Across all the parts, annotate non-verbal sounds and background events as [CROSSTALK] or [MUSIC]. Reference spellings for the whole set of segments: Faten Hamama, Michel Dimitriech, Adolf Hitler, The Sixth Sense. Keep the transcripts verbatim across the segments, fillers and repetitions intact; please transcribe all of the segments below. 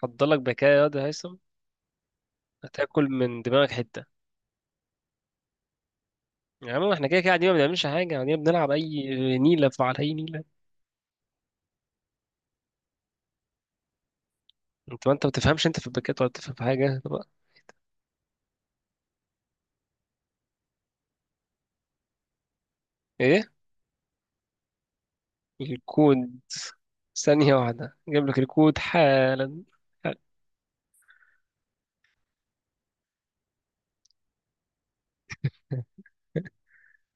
حضرلك بكاء يا واد يا هيثم. هتاكل من دماغك حته. يا عم احنا كده كده قاعدين، ما بنعملش حاجه، يعني قاعدين بنلعب اي نيله في- على اي نيله. انت ما انت ما بتفهمش، انت في الباكات ولا بتفهم في حاجه. طب ايه الكود؟ ثانيه واحده جايب لك الكود حالا.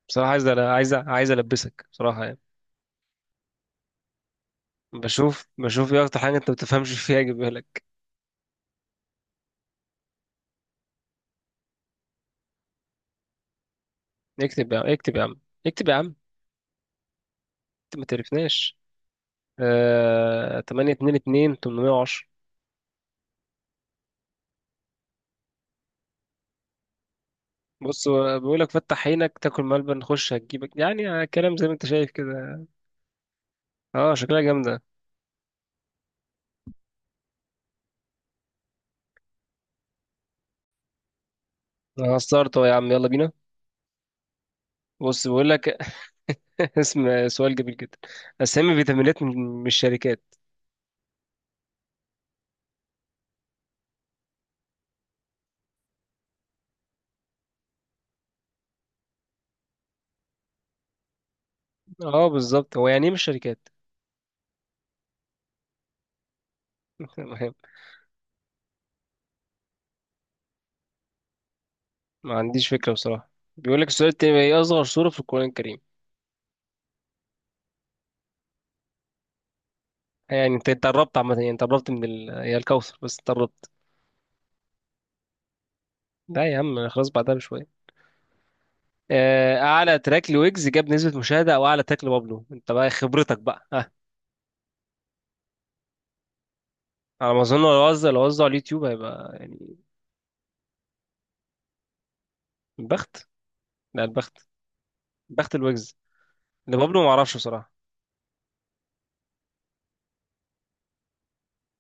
بصراحه عايز، أنا عايز عايز البسك بصراحه يعني. بشوف بشوف ايه اكتر حاجه انت ما بتفهمش فيها اجيبها لك. اكتب يا عم، اكتب يا عم، اكتب يا عم. انت ما تعرفناش. آه... ثمانية اثنين اثنين ثمانية عشر. بص، هو بيقولك فتح عينك تاكل ملبن نخش هتجيبك، يعني كلام زي ما انت شايف كده. اه شكلها جامدة. انا هستارت اهو يا عم، يلا بينا. بص بيقولك [LAUGHS] اسم سؤال جميل جدا: اسامي فيتامينات من من الشركات. اه بالظبط، هو يعني ايه من الشركات؟ [LAUGHS] ما عنديش فكرة بصراحة. بيقولك السؤال التاني: ايه اصغر سورة في القرآن الكريم؟ آه، يعني انت انت قربت عامة، يعني انت قربت من ال... هي الكوثر، بس انت قربت. لا يا عم، أنا خلاص بعدها بشوية. آه، اعلى تراك لويجز جاب نسبة مشاهدة او اعلى تراك لبابلو، انت بقى خبرتك بقى. على ما اظن لو وزع لو وزع على اليوتيوب هيبقى يعني بخت. لا البخت، بخت الويجز. اللي بابلو ما اعرفش بصراحه،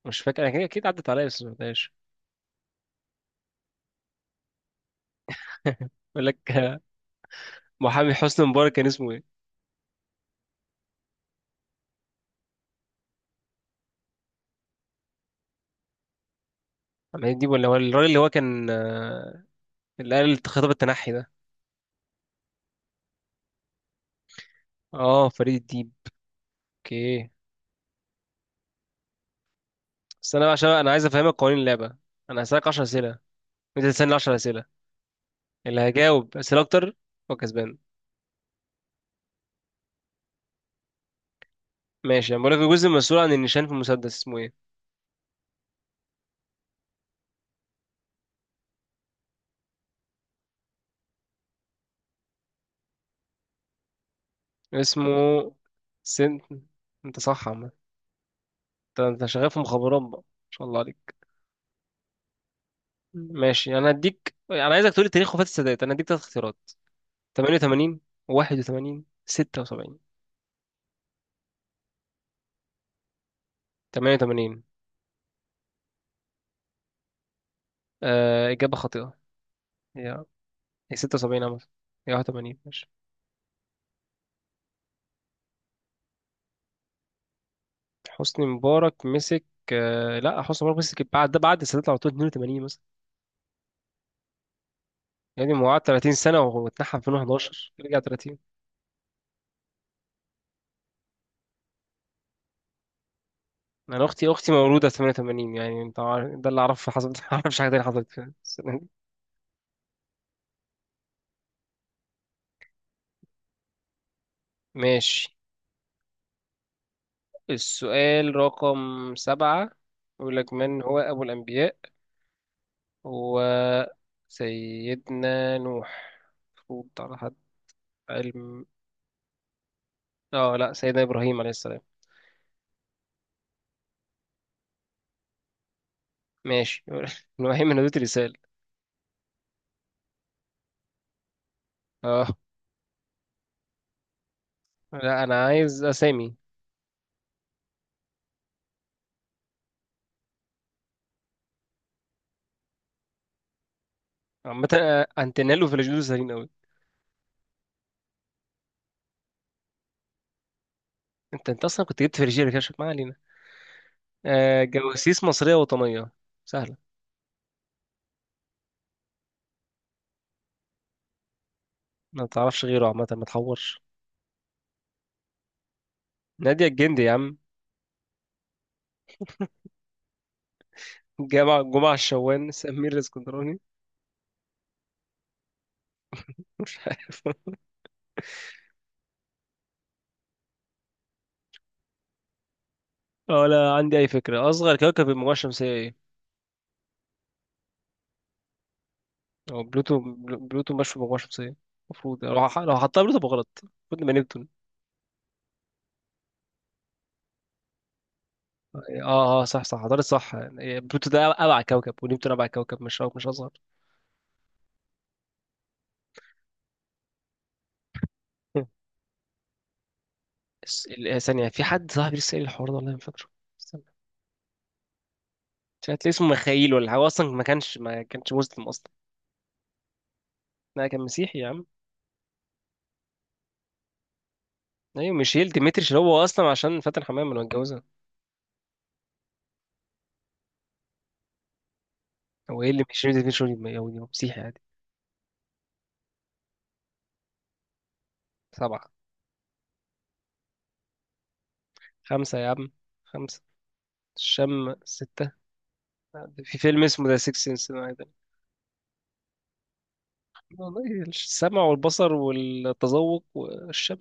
مش فاكر، انا اكيد عدت عليا بس ما سمعتهاش. [LAUGHS] بيقول لك آه، محامي حسني مبارك كان اسمه ايه؟ محمد الديب، ولا هو الراجل اللي هو كان، آه، اللي قال خطاب التنحي ده؟ اه فريد الديب، اوكي. بس انا بقى عشان انا عايز افهمك قوانين اللعبه: انا هسالك عشرة اسئله، انت تسالني عشرة اسئله، اللي هيجاوب اسئله اكتر هو كسبان. ماشي، انا بقول لك: الجزء المسؤول عن النشان في المسدس اسمه ايه؟ اسمه سن. انت صح عامة. انت انت شغال في مخابرات بقى، ما شاء الله عليك. مم. ماشي، انا هديك، انا عايزك تقولي تاريخ وفاة السادات، انا هديك ثلاث اختيارات: تمانية وتمانين، واحد وتمانين، ستة وسبعين. تمانية وتمانين؟ آه اجابة خاطئة. هي هي ستة وسبعين عامة؟ هي واحد وتمانين، ماشي. حسني مبارك مسك؟ آه لا، حسني مبارك مسك بعد ده، بعد السادات على طول، اتنين وتمانين مثلا. يعني هو قعد 30 سنة واتنحى في الفين وحداشر، رجع ثلاثين. انا اختي اختي مولودة تمانية وتمانين، يعني انت عارف ده اللي اعرفه حصل. [LAUGHS] ما اعرفش حاجة تانية حصلت في السنة دي. ماشي. السؤال رقم سبعة، يقول لك من هو أبو الأنبياء؟ هو سيدنا نوح، المفروض على حد علم. اه لا، سيدنا إبراهيم عليه السلام، ماشي. [LAUGHS] إبراهيم من ذات رسالة. اه لا، أنا عايز أسامي. عامة، آه، أنتنيلو في الجدود سهلين أوي. أنت أنت أصلا كنت جبت في رجالة كده، ما علينا. آه جواسيس مصرية وطنية سهلة. ما تعرفش غيره عامة، ما تحورش. نادية الجندي يا عم، جمع جمعة الشوان، سمير الاسكندراني. [LAUGHS] ولا عندي أي فكرة. آه، أصغر كوكب في المجموعة الشمسية إيه؟ هو بلوتو؟ بلوتو مش في المجموعة الشمسية المفروض، يعني لو ح- لو حطها بلوتو بغلط المفروض نبقى نبتون. اه اه صح صح، حضرتك صح، يعني بلوتو ده أبعد كوكب، ونبتون أبعد كوكب، مش أو- مش أصغر. [LAUGHS] الس- ال- آه، ثانية، في حد صاحبي لسه قايل الحوار ده والله، ما فاكره. استنى. مش هتلاقي اسمه مخايل ولا حاجة، هو أصلا ما كانش ما كانش مسلم أصلا. لا كان مسيحي يا عم. أيوة ميشيل ديمتريش، اللي هو أصلا عشان فاتن حمامة لو اتجوزها. هو إيه اللي ميشيل ديمتريش يهودي؟ هو مسيحي عادي. سبعة؟ خمسة يا عم، خمسة. الشم ستة؟ في فيلم اسمه ذا سيكس سنس. والله السمع والبصر والتذوق والشم.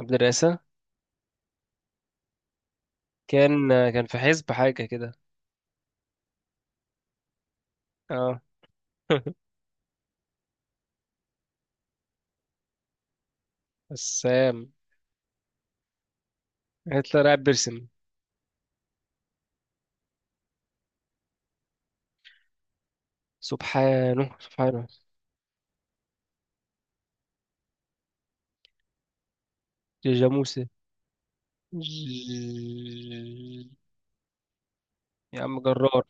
المدرسة. كان، كان في حزب حاجة كده. اه. [LAUGHS] السام؟ هتلر قاعد بيرسم! سبحانه سبحانه. جاموسة. ج-. يا عم جرار.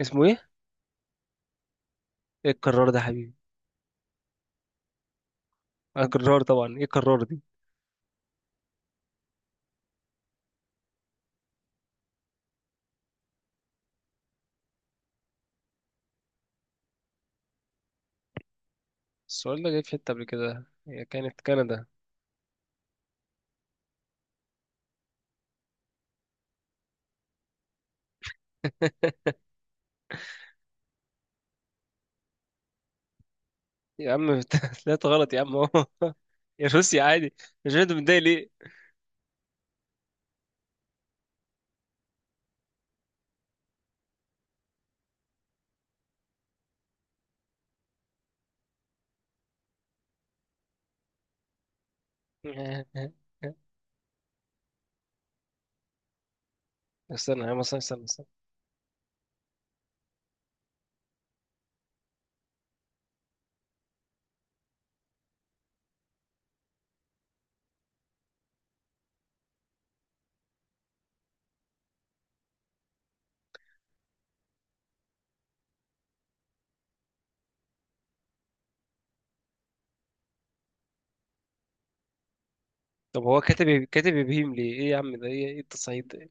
اسمه ايه؟ ايه الكرار ده يا حبيبي؟ اه جرار طبعا، ايه الكرار دي؟ السؤال ده جاي في حتة قبل كده، هي كانت كندا. [LAUGHS] يا عم. [LAUGHS] طلعت غلط يا عم. [LAUGHS] اهو. يا روسيا عادي، مش انت متضايق ليه؟ [LAUGHS] استنى يا عم، استنى استنى استنى. طب هو كاتب إيه- كاتب ابهيم ليه؟ ايه يا عم ده، ايه ايه التصعيد ده؟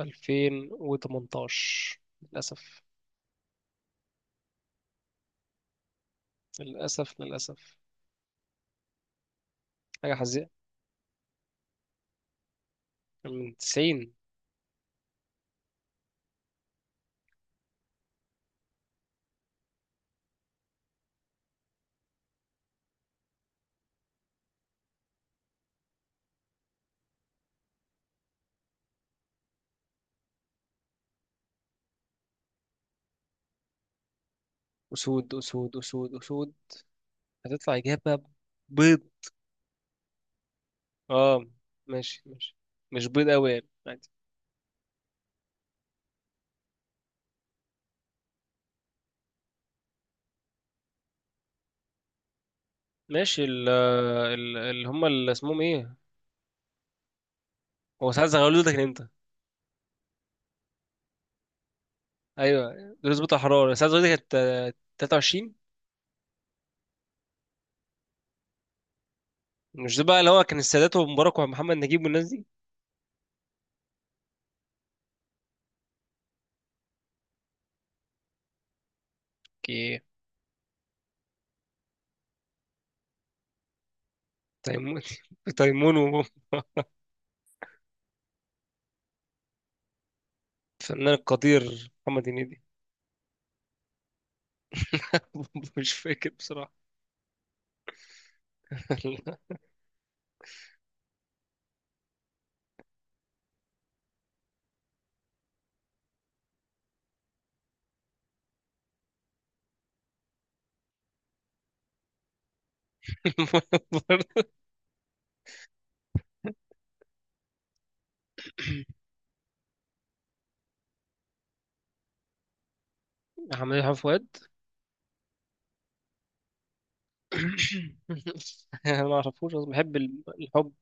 الفين وتمنتاشر للاسف، للاسف للاسف، حاجه حزينه من تسعين. اسود، اسود اسود اسود. هتطلع اجابه بيض. اه، ماشي ماشي. مش بيض قوي يعني، عادي. ماشي، ال ال- اللي هم اللي اسمهم ايه؟ هو ساعات زغلول ده كان امتى؟ ايوه دول بتاع حراره، ساعة دي كانت آه، تلاتة وعشرين. مش ده بقى اللي هو كان السادات ومبارك ومحمد نجيب والناس دي؟ كي. تيمون [LAUGHS] تيمون وفنان. القدير محمد هنيدي. [LAUGHS] مش فاكر بصراحة. [LAUGHS] محمد حب فؤاد. [COUGHS] انا ما اعرفوش أصلاً، بحب ال- الحب.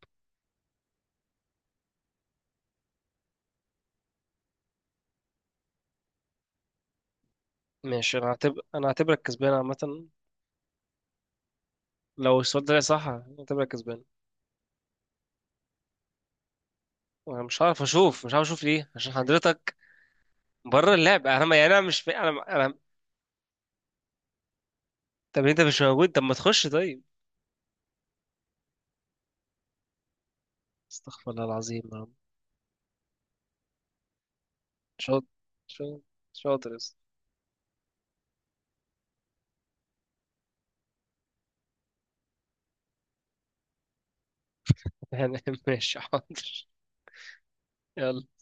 ماشي، انا هعتبر، انا هعتبرك كسبان عامة. لو السؤال ده صح هعتبرك كسبان، وانا مش هعرف اشوف، مش هعرف اشوف ليه عشان حضرتك بره اللعب. انا ما، يعني انا مش فا... انا. طب انت مش موجود، طب ما تخش طيب. استغفر الله العظيم يا رب. شاطر شاطر، شاطر يا اسطى. [LAUGHS] يعني ماشي، حاضر. يلا.